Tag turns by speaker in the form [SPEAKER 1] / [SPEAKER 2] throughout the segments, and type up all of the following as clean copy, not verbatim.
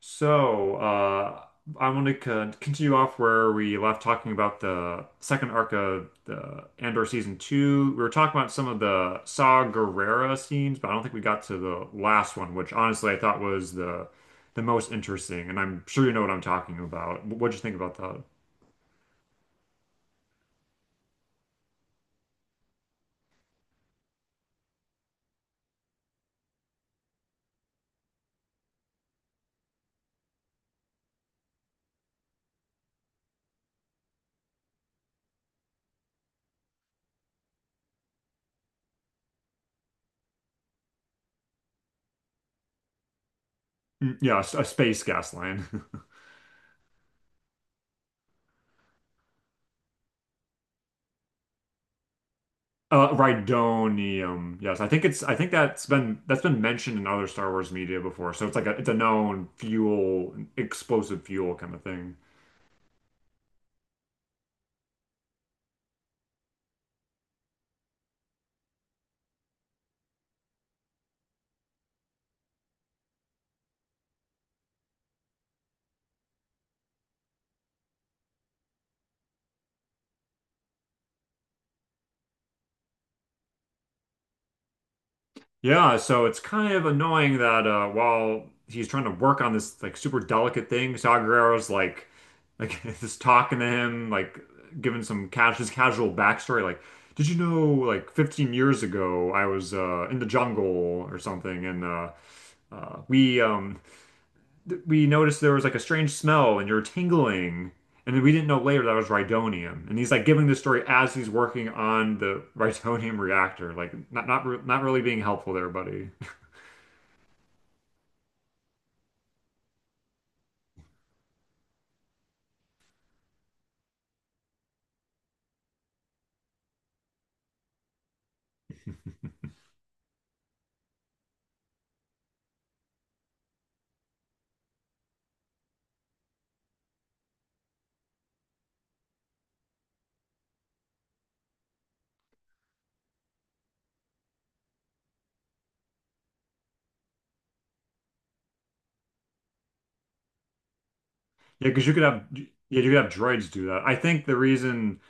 [SPEAKER 1] So, uh, I want to continue off where we left talking about the second arc of the Andor season two. We were talking about some of the Saw Gerrera scenes, but I don't think we got to the last one, which honestly I thought was the most interesting. And I'm sure you know what I'm talking about. What'd you think about that? Mm, yeah, a space gas line. Rhydonium. Yes, I think it's. I think that's been mentioned in other Star Wars media before. So it's like a it's a known fuel, explosive fuel kind of thing. Yeah, so it's kind of annoying that while he's trying to work on this like super delicate thing, Saw Gerrera's like just talking to him, like giving some cash his casual backstory, like, did you know like 15 years ago I was in the jungle or something, and uh, we um we noticed there was like a strange smell and you're tingling, and then we didn't know later that was Rhydonium, and he's like giving the story as he's working on the Rhydonium reactor, like not really being helpful there, buddy. Yeah, because you could have droids do that. I think the reason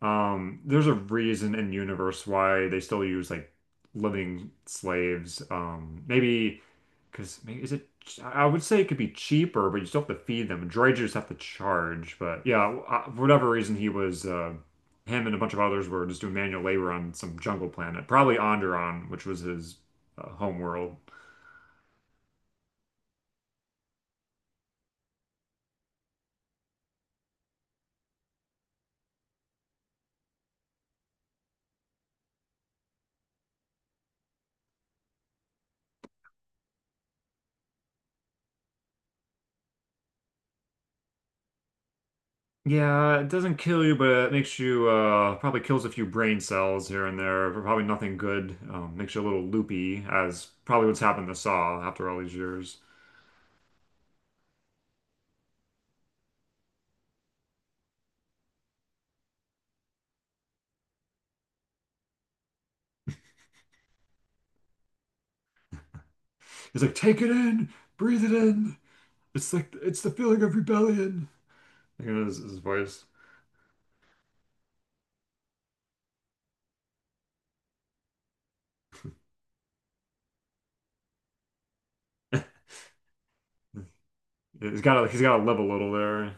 [SPEAKER 1] there's a reason in universe why they still use like living slaves. Maybe because maybe is it I would say it could be cheaper, but you still have to feed them. Droids you just have to charge. But yeah, for whatever reason he was him and a bunch of others were just doing manual labor on some jungle planet, probably Onderon, which was his home world. Yeah, it doesn't kill you, but it makes you probably kills a few brain cells here and there, but probably nothing good. Makes you a little loopy, as probably what's happened to Saw after all these years. He's like, take it in, breathe it in. It's like it's the feeling of rebellion. Like, his voice. He's got to live a little there.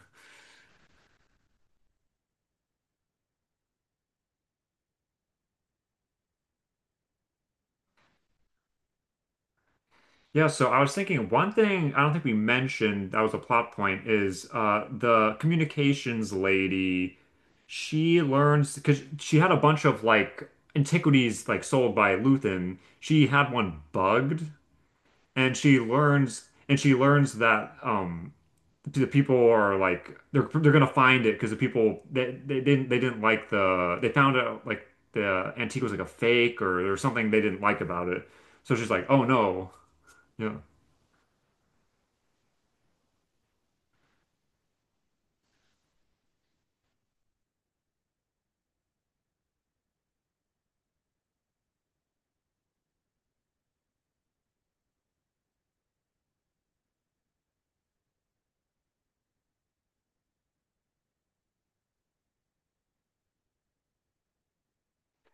[SPEAKER 1] Yeah, so I was thinking one thing I don't think we mentioned that was a plot point is the communications lady. She learns because she had a bunch of like antiquities like sold by Luthen. She had one bugged, and she learns that the people are like they're gonna find it because the people that they didn't like they found out like the antique was like a fake or there was something they didn't like about it. So she's like, oh no, yeah.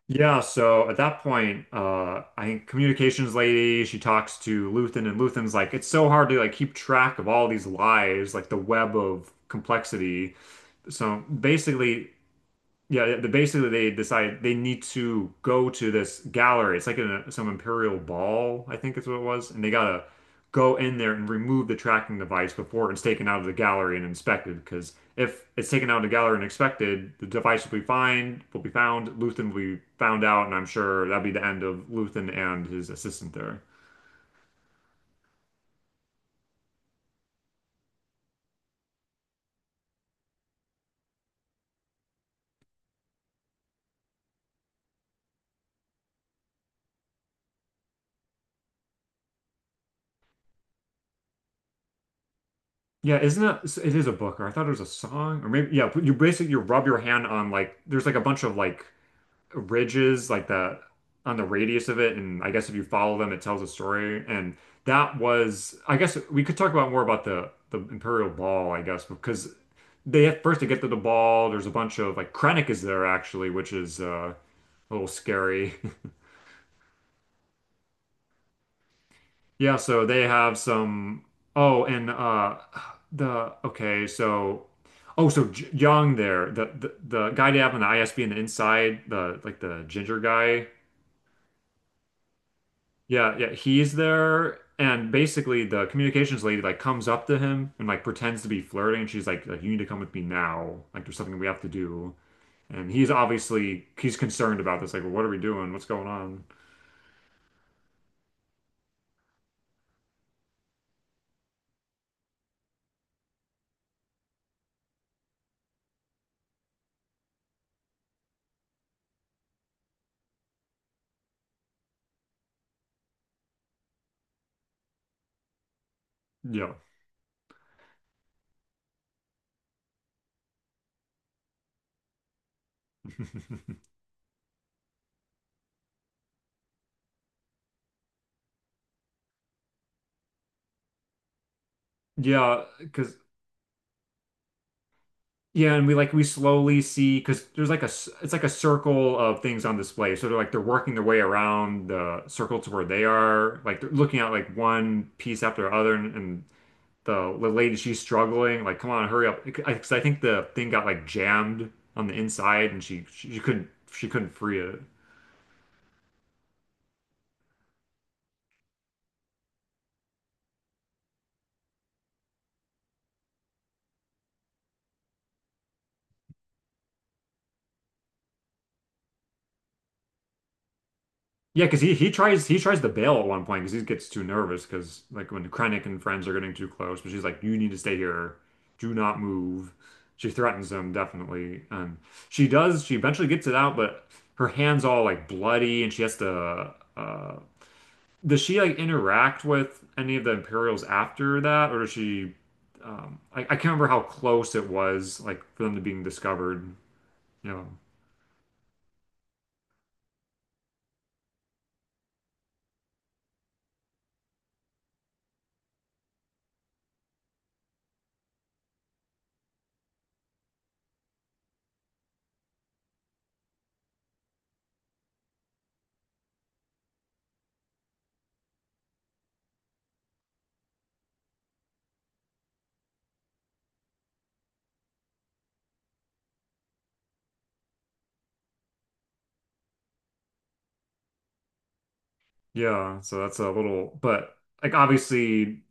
[SPEAKER 1] Yeah, so at that point, I think communications lady, she talks to Luthen, and Luthen's like, it's so hard to like keep track of all these lives, like the web of complexity. So basically, basically they decide they need to go to this gallery. It's like in a, some imperial ball, I think is what it was, and they gotta go in there and remove the tracking device before it's taken out of the gallery and inspected. Because if it's taken out of the gallery and inspected, the device will be found, Luthen will be found out, and I'm sure that'll be the end of Luthen and his assistant there. Yeah, isn't it? It is a book, or I thought it was a song, or maybe yeah. You rub your hand on like there's like a bunch of like ridges like the on the radius of it and I guess if you follow them it tells a story and that was I guess we could talk about more about the Imperial Ball I guess because they have first to get to the ball there's a bunch of like Krennic is there actually which is a little scary. Yeah, so they have some oh and the okay so oh so J Young there the guy they have on the ISB in the inside the like the ginger guy. Yeah, yeah, he's there, and basically the communications lady like comes up to him and like pretends to be flirting, and she's like, "You need to come with me now. Like, there's something we have to do." And he's obviously he's concerned about this. Like, well, what are we doing? What's going on? Yeah, yeah, because yeah, and we slowly see because there's like it's like a circle of things on display. So they're like they're working their way around the circle to where they are. Like they're looking at like one piece after the other, and the lady, she's struggling, like come on hurry up because I think the thing got like jammed on the inside and she couldn't free it. Yeah, because he tries to bail at one point because he gets too nervous because like when Krennic and friends are getting too close, but she's like, you need to stay here, do not move. She threatens him definitely, and she eventually gets it out, but her hands all like bloody, and she has to does she like interact with any of the Imperials after that, or does she? I can't remember how close it was, like for them to being discovered. Yeah, yeah. So that's a little, but like obviously,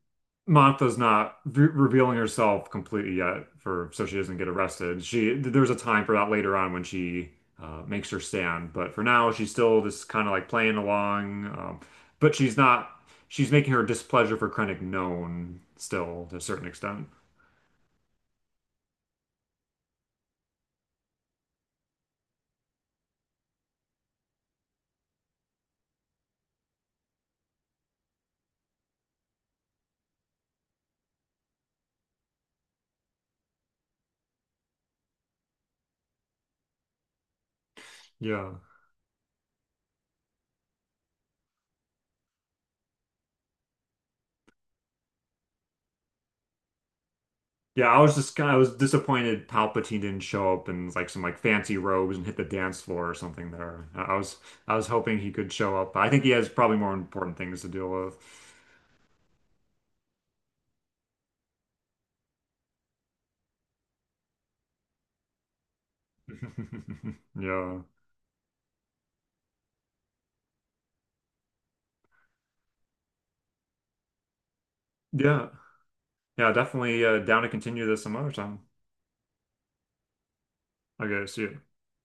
[SPEAKER 1] Mantha's not re revealing herself completely yet, for so she doesn't get arrested. She There's a time for that later on when she makes her stand, but for now she's still just kind of like playing along. But she's not. She's making her displeasure for Krennic known still to a certain extent. Yeah. Yeah, I was just kind of, I was disappointed Palpatine didn't show up in like some like fancy robes and hit the dance floor or something there. I was, I was hoping he could show up. I think he has probably more important things to deal with. Yeah. Yeah. Yeah, definitely down to continue this some other time. Okay, see you.